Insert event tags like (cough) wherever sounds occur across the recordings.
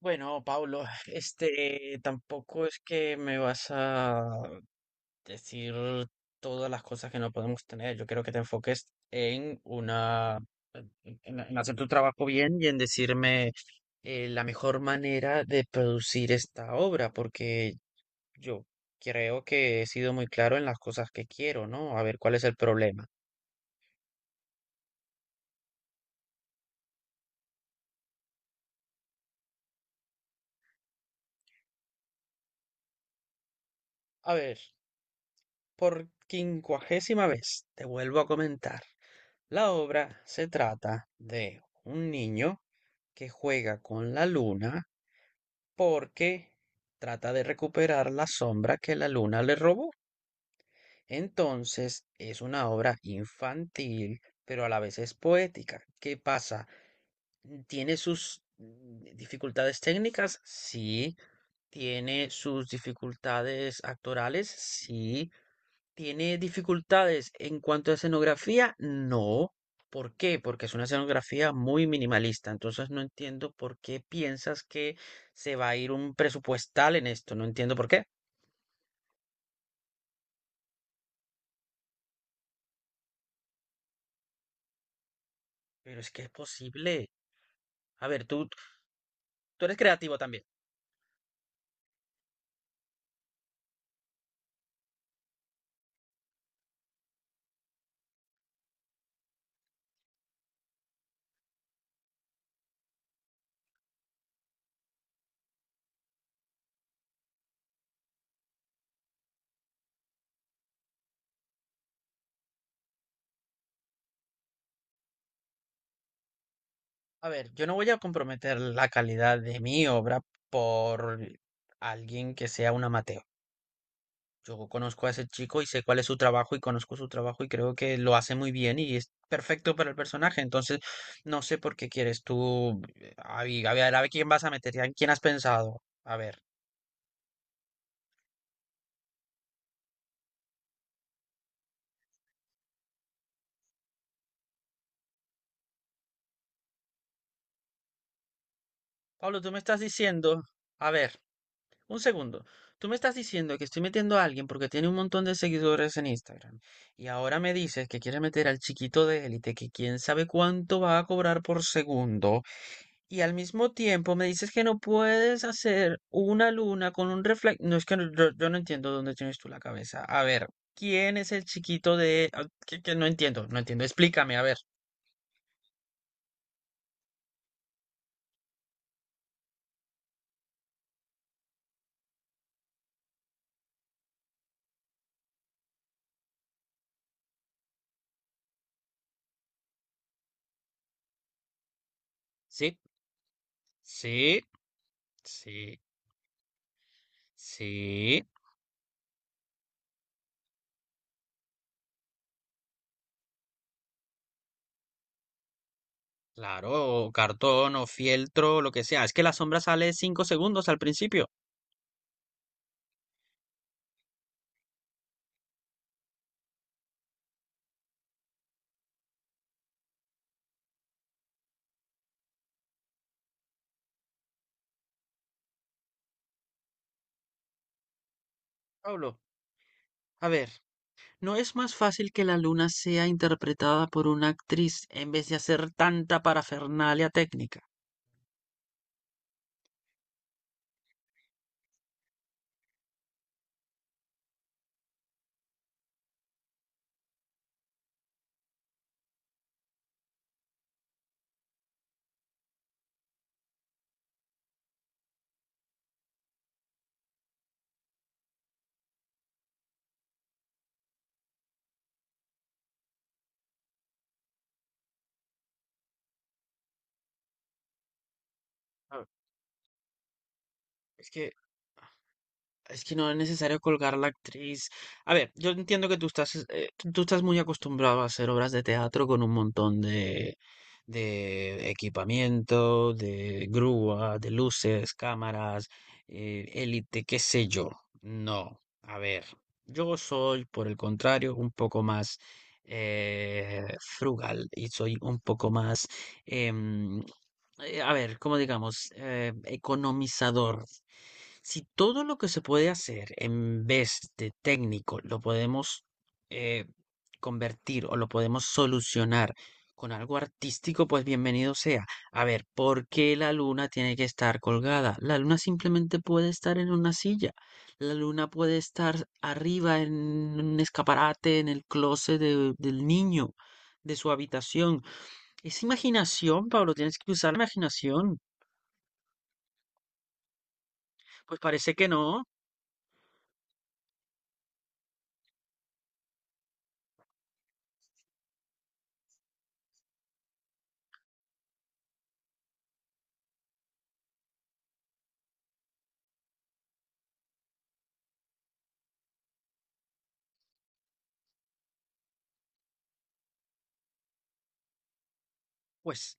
Bueno, Pablo, tampoco es que me vas a decir todas las cosas que no podemos tener. Yo quiero que te enfoques en una, en hacer tu trabajo bien y en decirme la mejor manera de producir esta obra, porque yo creo que he sido muy claro en las cosas que quiero, ¿no? A ver, ¿cuál es el problema? A ver. Por quincuagésima vez te vuelvo a comentar. La obra se trata de un niño que juega con la luna porque trata de recuperar la sombra que la luna le robó. Entonces es una obra infantil, pero a la vez es poética. ¿Qué pasa? ¿Tiene sus dificultades técnicas? Sí. ¿Tiene sus dificultades actorales? Sí. ¿Tiene dificultades en cuanto a escenografía? No. ¿Por qué? Porque es una escenografía muy minimalista. Entonces no entiendo por qué piensas que se va a ir un presupuestal en esto. No entiendo por qué. Pero es que es posible. A ver, tú eres creativo también. A ver, yo no voy a comprometer la calidad de mi obra por alguien que sea un amateur. Yo conozco a ese chico y sé cuál es su trabajo y conozco su trabajo y creo que lo hace muy bien y es perfecto para el personaje. Entonces, no sé por qué quieres tú. A ver, a ver quién vas a meter, ¿en quién has pensado? A ver. Pablo, tú me estás diciendo. A ver, un segundo. Tú me estás diciendo que estoy metiendo a alguien porque tiene un montón de seguidores en Instagram. Y ahora me dices que quieres meter al chiquito de élite, que quién sabe cuánto va a cobrar por segundo. Y al mismo tiempo me dices que no puedes hacer una luna con un reflector. No es que yo no entiendo dónde tienes tú la cabeza. A ver, ¿quién es el chiquito de... ah, que no entiendo, no entiendo. Explícame, a ver. Sí, sí, sí, sí. Claro, o cartón o fieltro, lo que sea. Es que la sombra sale 5 segundos al principio. Pablo, a ver, ¿no es más fácil que la luna sea interpretada por una actriz en vez de hacer tanta parafernalia técnica? A ver, es que Es que no es necesario colgar a la actriz. A ver, yo entiendo que tú estás muy acostumbrado a hacer obras de teatro con un montón de equipamiento, de grúa, de luces, cámaras, élite, qué sé yo. No, a ver, yo soy, por el contrario, un poco más frugal y soy un poco más, em, a ver, ¿cómo digamos? Economizador. Si todo lo que se puede hacer en vez de técnico lo podemos eh, convertir o lo podemos solucionar con algo artístico, pues bienvenido sea. A ver, ¿por qué la luna tiene que estar colgada? La luna simplemente puede estar en una silla. La luna puede estar arriba en un escaparate, en el del niño, de su habitación. Es imaginación, Pablo, tienes que usar la imaginación. Pues parece que no. Pues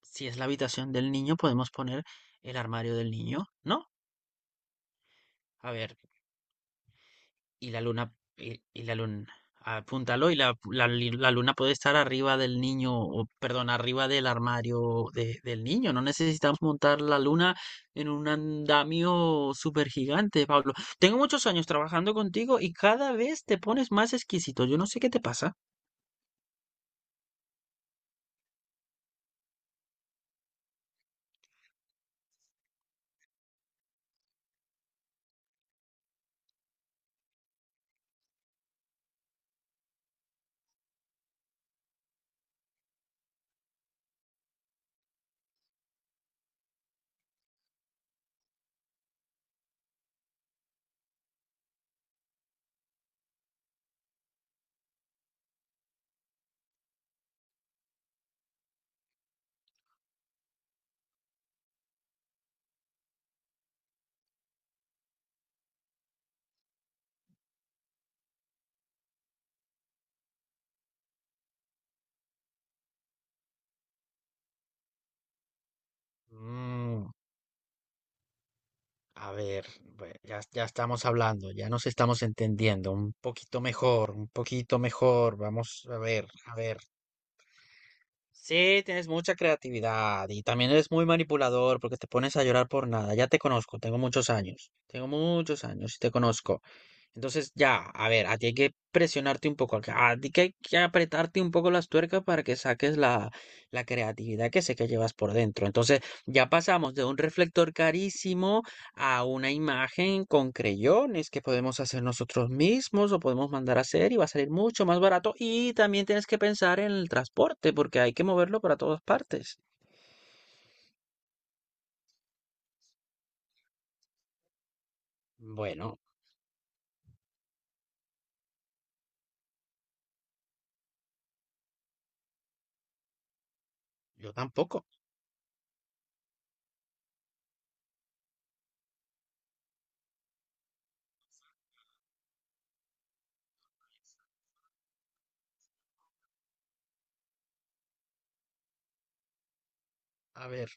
si es la habitación del niño, podemos poner el armario del niño, ¿no? A ver, y la luna, apúntalo, y la luna puede estar arriba del niño, o perdón, arriba del del niño. No necesitamos montar la luna en un andamio súper gigante, Pablo. Tengo muchos años trabajando contigo y cada vez te pones más exquisito. Yo no sé qué te pasa. Mm. A ver, ya, ya estamos hablando, ya nos estamos entendiendo un poquito mejor, un poquito mejor. Vamos a ver, a ver. Sí, tienes mucha creatividad y también eres muy manipulador porque te pones a llorar por nada. Ya te conozco, tengo muchos años y te conozco. Entonces, ya, a ver, a ti hay que presionarte un poco, a ti que hay que apretarte un poco las tuercas para que saques la creatividad que sé que llevas por dentro. Entonces, ya pasamos de un reflector carísimo a una imagen con creyones que podemos hacer nosotros mismos o podemos mandar a hacer y va a salir mucho más barato. Y también tienes que pensar en el transporte porque hay que moverlo para todas partes. Bueno, yo tampoco. A ver,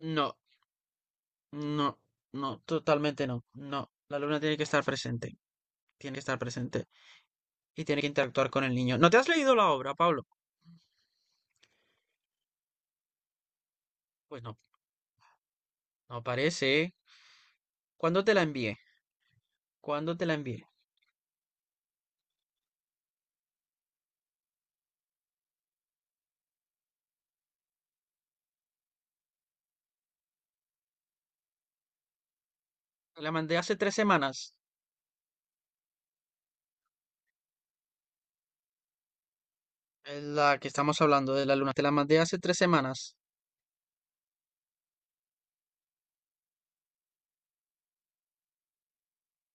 no, no, no, totalmente no. La luna tiene que estar presente. Tiene que estar presente y tiene que interactuar con el niño. ¿No te has leído la obra, Pablo? Pues no, no parece. ¿Cuándo te la envié? ¿Cuándo te la envié? Te la mandé hace 3 semanas. Es la que estamos hablando de la luna. Te la mandé hace tres semanas.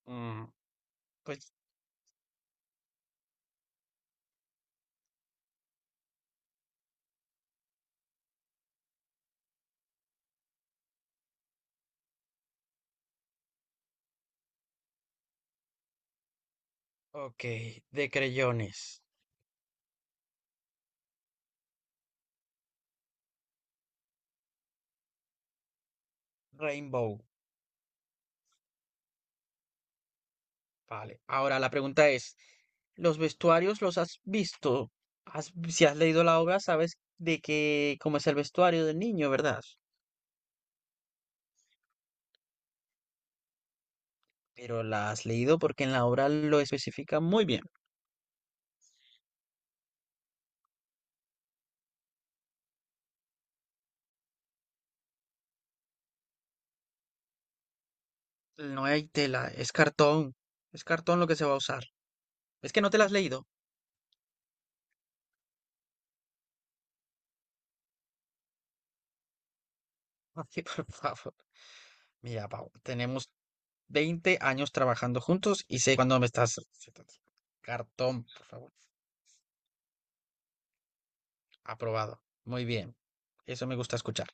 Mm, pues, ok. De creyones. Rainbow. Vale. Ahora la pregunta es, ¿los vestuarios los has visto? Si has leído la obra, sabes de qué, cómo es el vestuario del niño, ¿verdad? Pero la has leído porque en la obra lo especifica muy bien. No hay tela, es cartón. Es cartón lo que se va a usar. Es que no te la has leído. (laughs) Ay, por favor. Mira, Pau, tenemos 20 años trabajando juntos y sé cuándo me estás... Cartón, por favor. Aprobado. Muy bien. Eso me gusta escuchar.